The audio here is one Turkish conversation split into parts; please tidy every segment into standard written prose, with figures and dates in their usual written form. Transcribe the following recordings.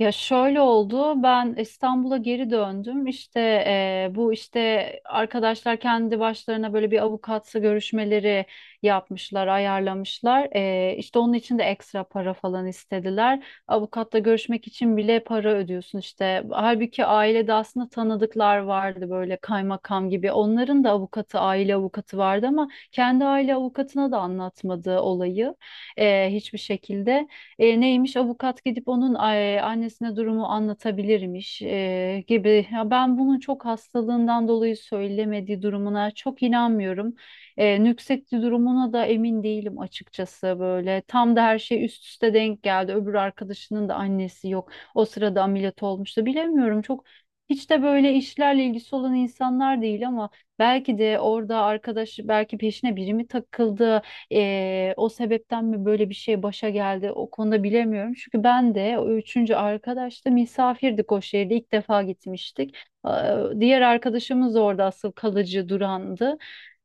Ya şöyle oldu. Ben İstanbul'a geri döndüm. İşte bu işte arkadaşlar kendi başlarına böyle bir avukatsı görüşmeleri yapmışlar, ayarlamışlar. İşte onun için de ekstra para falan istediler. Avukatla görüşmek için bile para ödüyorsun işte. Halbuki ailede aslında tanıdıklar vardı böyle kaymakam gibi. Onların da avukatı, aile avukatı vardı ama kendi aile avukatına da anlatmadı olayı hiçbir şekilde. Neymiş avukat gidip onun annesine durumu anlatabilirmiş gibi. Ya ben bunun çok hastalığından dolayı söylemediği durumuna çok inanmıyorum. Nüksetti durumuna da emin değilim açıkçası böyle. Tam da her şey üst üste denk geldi. Öbür arkadaşının da annesi yok. O sırada ameliyat olmuştu. Bilemiyorum, çok hiç de böyle işlerle ilgisi olan insanlar değil ama belki de orada arkadaş, belki peşine biri mi takıldı? O sebepten mi böyle bir şey başa geldi, o konuda bilemiyorum. Çünkü ben de o üçüncü arkadaşla misafirdik, o şehirde ilk defa gitmiştik. Diğer arkadaşımız orada asıl kalıcı durandı.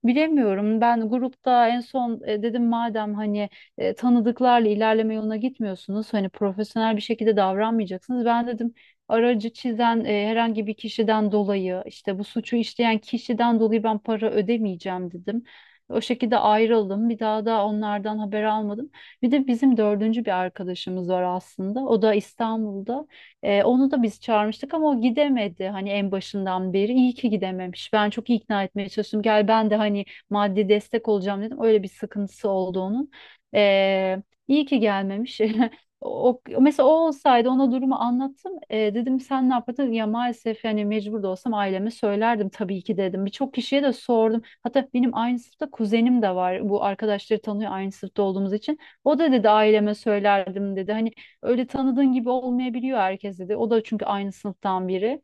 Bilemiyorum, ben grupta en son dedim madem hani tanıdıklarla ilerleme yoluna gitmiyorsunuz, hani profesyonel bir şekilde davranmayacaksınız. Ben dedim aracı çizen herhangi bir kişiden dolayı, işte bu suçu işleyen kişiden dolayı ben para ödemeyeceğim dedim. O şekilde ayrıldım. Bir daha da onlardan haber almadım. Bir de bizim dördüncü bir arkadaşımız var aslında. O da İstanbul'da. Onu da biz çağırmıştık ama o gidemedi. Hani en başından beri iyi ki gidememiş. Ben çok ikna etmeye çalıştım. Gel, ben de hani maddi destek olacağım dedim. Öyle bir sıkıntısı oldu onun. Ee, iyi ki gelmemiş. O, mesela o olsaydı, ona durumu anlattım. Dedim sen ne yapardın? Ya maalesef yani mecbur da olsam aileme söylerdim tabii ki dedim. Birçok kişiye de sordum. Hatta benim aynı sınıfta kuzenim de var. Bu arkadaşları tanıyor aynı sınıfta olduğumuz için. O da dedi aileme söylerdim dedi. Hani öyle tanıdığın gibi olmayabiliyor herkes dedi. O da çünkü aynı sınıftan biri.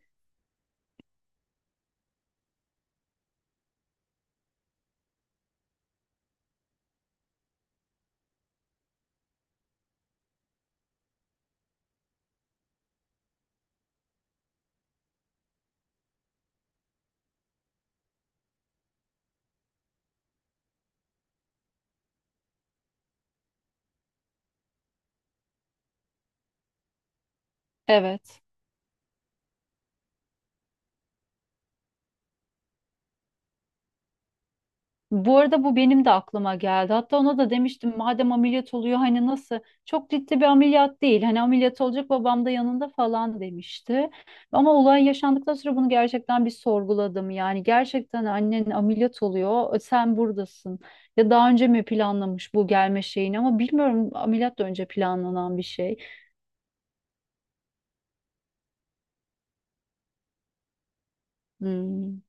Evet. Bu arada bu benim de aklıma geldi. Hatta ona da demiştim madem ameliyat oluyor, hani nasıl, çok ciddi bir ameliyat değil. Hani ameliyat olacak babam da yanında falan demişti. Ama olay yaşandıktan sonra bunu gerçekten bir sorguladım. Yani gerçekten annen ameliyat oluyor, sen buradasın. Ya daha önce mi planlamış bu gelme şeyini ama bilmiyorum, ameliyat da önce planlanan bir şey. Hmm.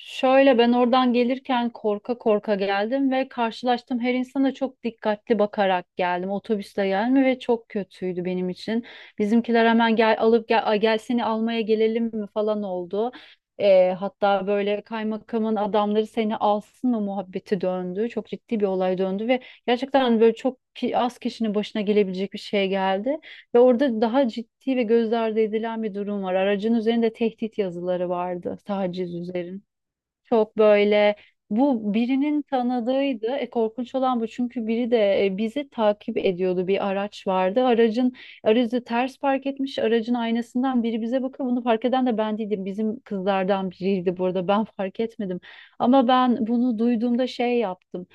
Şöyle, ben oradan gelirken korka korka geldim ve karşılaştım, her insana çok dikkatli bakarak geldim. Otobüsle gelme ve çok kötüydü benim için. Bizimkiler hemen gel alıp gel, ay gel seni almaya gelelim mi falan oldu. Hatta böyle kaymakamın adamları seni alsın mı muhabbeti döndü. Çok ciddi bir olay döndü ve gerçekten böyle çok az kişinin başına gelebilecek bir şey geldi. Ve orada daha ciddi ve göz ardı edilen bir durum var. Aracın üzerinde tehdit yazıları vardı, taciz üzerine. Çok böyle bu birinin tanıdığıydı. Korkunç olan bu, çünkü biri de bizi takip ediyordu, bir araç vardı. Aracı ters park etmiş. Aracın aynasından biri bize bakıyor. Bunu fark eden de ben değildim. Bizim kızlardan biriydi burada. Ben fark etmedim. Ama ben bunu duyduğumda şey yaptım,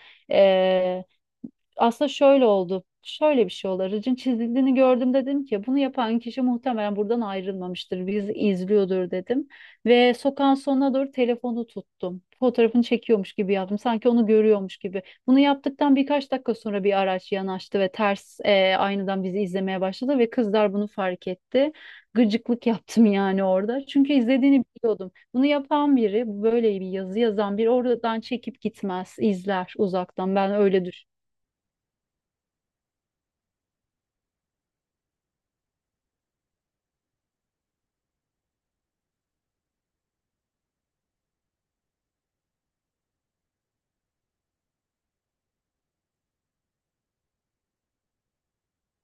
aslında şöyle oldu. Şöyle bir şey oldu. Aracın çizildiğini gördüm, dedim ki bunu yapan kişi muhtemelen buradan ayrılmamıştır. Bizi izliyordur dedim. Ve sokağın sonuna doğru telefonu tuttum. Fotoğrafını çekiyormuş gibi yaptım. Sanki onu görüyormuş gibi. Bunu yaptıktan birkaç dakika sonra bir araç yanaştı ve ters aynadan bizi izlemeye başladı ve kızlar bunu fark etti. Gıcıklık yaptım yani orada. Çünkü izlediğini biliyordum. Bunu yapan biri, böyle bir yazı yazan biri oradan çekip gitmez, izler uzaktan. Ben öyle düşünüyorum.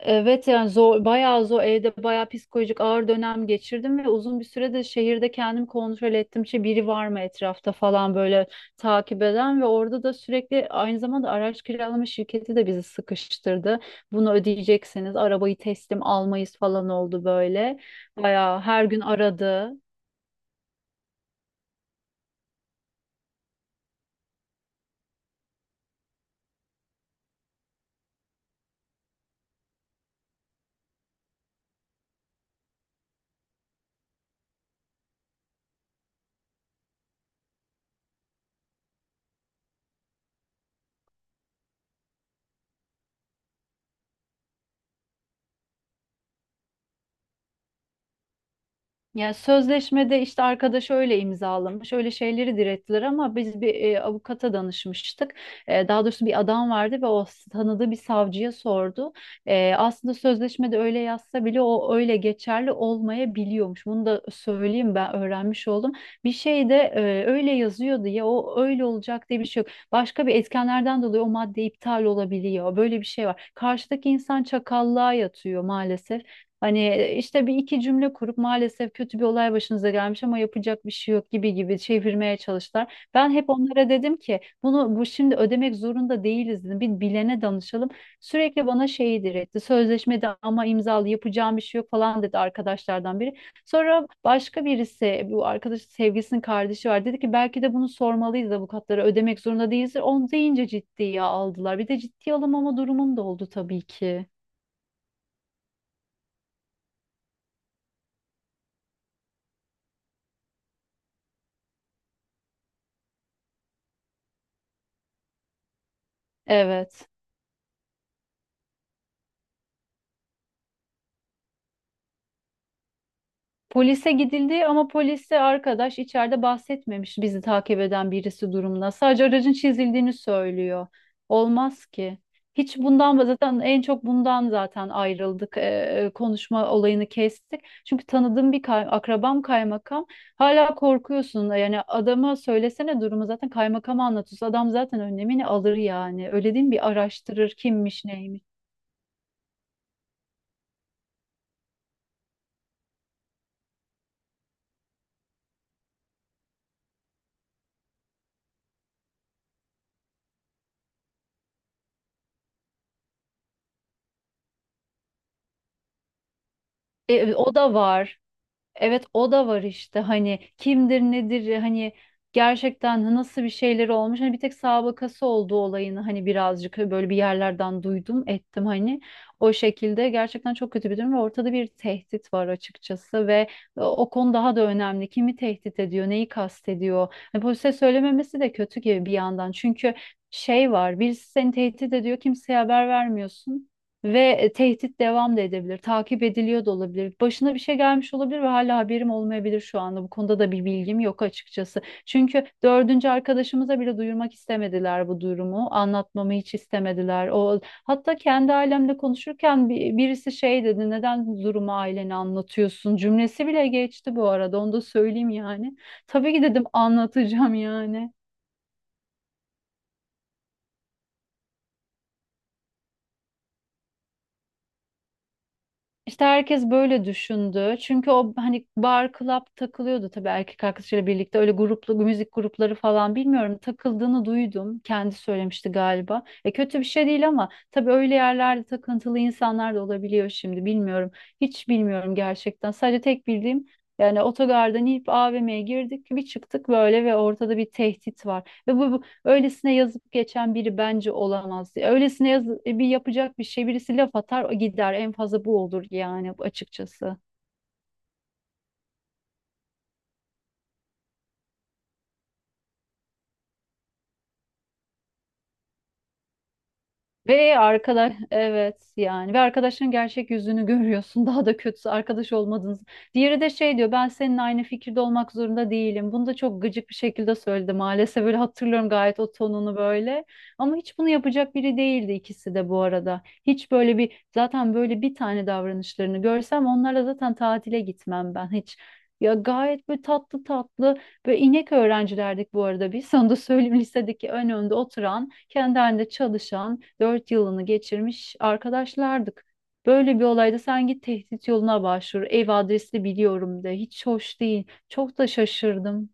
Evet, yani zor, bayağı zor, evde bayağı psikolojik ağır dönem geçirdim ve uzun bir sürede şehirde kendim kontrol ettim ki biri var mı etrafta falan böyle takip eden, ve orada da sürekli aynı zamanda araç kiralama şirketi de bizi sıkıştırdı. Bunu ödeyeceksiniz, arabayı teslim almayız falan oldu böyle, bayağı her gün aradı. Ya sözleşmede işte arkadaş öyle imzalamış, öyle şeyleri direttiler ama biz bir avukata danışmıştık. E, daha doğrusu bir adam vardı ve o tanıdığı bir savcıya sordu. E, aslında sözleşmede öyle yazsa bile o öyle geçerli olmayabiliyormuş. Bunu da söyleyeyim, ben öğrenmiş oldum. Bir şey de öyle yazıyordu ya, o öyle olacak diye bir şey yok. Başka bir etkenlerden dolayı o madde iptal olabiliyor. Böyle bir şey var. Karşıdaki insan çakallığa yatıyor maalesef. Hani işte bir iki cümle kurup maalesef kötü bir olay başınıza gelmiş ama yapacak bir şey yok gibi gibi çevirmeye çalıştılar. Ben hep onlara dedim ki bunu, bu şimdi ödemek zorunda değiliz dedim. Bir bilene danışalım. Sürekli bana şeyi diretti. Sözleşmede ama imzalı, yapacağım bir şey yok falan dedi arkadaşlardan biri. Sonra başka birisi, bu arkadaş sevgilisinin kardeşi var. Dedi ki belki de bunu sormalıyız avukatlara, ödemek zorunda değilsin. Onu deyince ciddiye aldılar. Bir de ciddiye alınmama durumum da oldu tabii ki. Evet. Polise gidildi ama polise arkadaş içeride bahsetmemiş bizi takip eden birisi durumuna. Sadece aracın çizildiğini söylüyor. Olmaz ki. Hiç bundan zaten, en çok bundan zaten ayrıldık. Konuşma olayını kestik. Çünkü tanıdığım bir akrabam kaymakam. Hala korkuyorsun. Yani adama söylesene durumu, zaten kaymakama anlatıyorsun. Adam zaten önlemini alır yani. Öyle değil mi? Bir araştırır kimmiş neymiş. O da var. Evet, o da var işte, hani kimdir nedir, hani gerçekten nasıl bir şeyleri olmuş, hani bir tek sabıkası olduğu olayını hani birazcık böyle bir yerlerden duydum ettim, hani o şekilde, gerçekten çok kötü bir durum ve ortada bir tehdit var açıkçası ve O konu daha da önemli, kimi tehdit ediyor, neyi kastediyor, hani polise söylememesi de kötü gibi bir yandan, çünkü şey var, birisi seni tehdit ediyor, kimseye haber vermiyorsun ve tehdit devam da edebilir, takip ediliyor da olabilir. Başına bir şey gelmiş olabilir ve hala haberim olmayabilir şu anda. Bu konuda da bir bilgim yok açıkçası. Çünkü dördüncü arkadaşımıza bile duyurmak istemediler bu durumu. Anlatmamı hiç istemediler. O, hatta kendi ailemle konuşurken birisi şey dedi, neden bu durumu ailene anlatıyorsun? Cümlesi bile geçti bu arada, onu da söyleyeyim yani. Tabii ki dedim, anlatacağım yani. İşte herkes böyle düşündü. Çünkü o hani bar, club takılıyordu tabii erkek arkadaşıyla birlikte. Öyle gruplu, müzik grupları falan bilmiyorum. Takıldığını duydum. Kendi söylemişti galiba. E kötü bir şey değil ama tabii öyle yerlerde takıntılı insanlar da olabiliyor şimdi. Bilmiyorum. Hiç bilmiyorum gerçekten. Sadece tek bildiğim yani otogardan inip AVM'ye girdik, bir çıktık böyle ve ortada bir tehdit var. Ve bu öylesine yazıp geçen biri bence olamaz diye. Öylesine bir yapacak bir şey, birisi laf atar gider en fazla, bu olur yani açıkçası. Ve arkadaş, evet yani, ve arkadaşın gerçek yüzünü görüyorsun. Daha da kötüsü, arkadaş olmadınız. Diğeri de şey diyor, ben seninle aynı fikirde olmak zorunda değilim. Bunu da çok gıcık bir şekilde söyledi maalesef, böyle hatırlıyorum gayet o tonunu, böyle. Ama hiç bunu yapacak biri değildi ikisi de bu arada. Hiç böyle bir, zaten böyle bir tane davranışlarını görsem onlarla zaten tatile gitmem ben hiç. Ya gayet böyle tatlı tatlı, böyle inek öğrencilerdik bu arada biz. Sana da söyleyeyim lisedeki önde oturan, kendi halinde çalışan, dört yılını geçirmiş arkadaşlardık. Böyle bir olayda sen git tehdit yoluna başvur. Ev adresini biliyorum de. Hiç hoş değil. Çok da şaşırdım.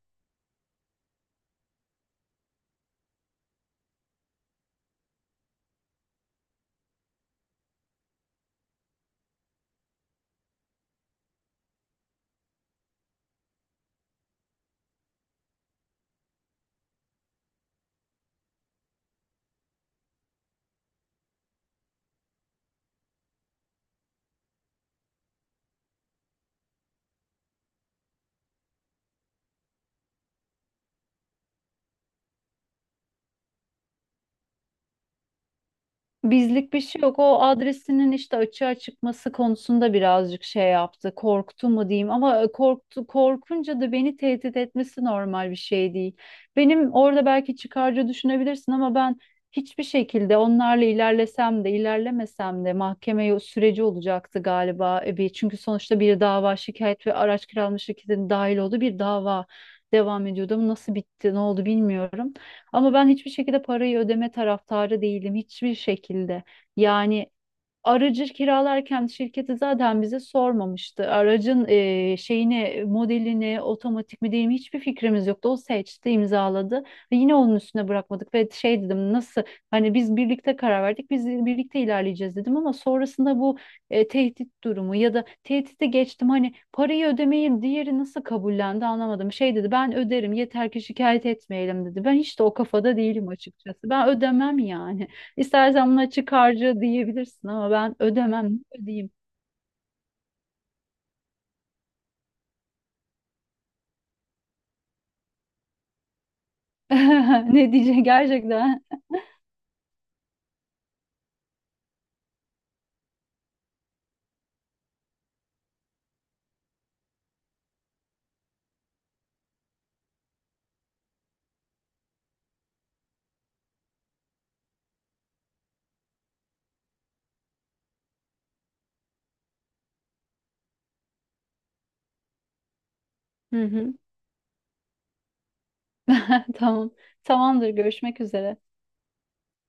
Bizlik bir şey yok. O adresinin işte açığa çıkması konusunda birazcık şey yaptı. Korktu mu diyeyim ama korktu, korkunca da beni tehdit etmesi normal bir şey değil. Benim orada belki çıkarcı düşünebilirsin ama ben hiçbir şekilde onlarla ilerlesem de ilerlemesem de mahkeme süreci olacaktı galiba. E, bir, çünkü sonuçta bir dava şikayet ve araç kiralama şirketinin dahil olduğu bir dava devam ediyordu ama nasıl bitti ne oldu bilmiyorum. Ama ben hiçbir şekilde parayı ödeme taraftarı değilim. Hiçbir şekilde. Yani aracı kiralarken şirketi zaten bize sormamıştı. Aracın şeyini, modelini, otomatik mi değil mi hiçbir fikrimiz yoktu. O seçti, imzaladı. Ve yine onun üstüne bırakmadık ve şey dedim, nasıl hani biz birlikte karar verdik, biz birlikte ilerleyeceğiz dedim ama sonrasında bu tehdit durumu ya da tehdidi geçtim, hani parayı ödemeyi diğeri nasıl kabullendi anlamadım. Şey dedi, ben öderim yeter ki şikayet etmeyelim dedi. Ben hiç de o kafada değilim açıkçası. Ben ödemem yani. İstersen buna açık harca diyebilirsin ama ben ödemem. Ne ödeyeyim? Ne diyecek gerçekten? Hı hı. Tamam. Tamamdır. Görüşmek üzere.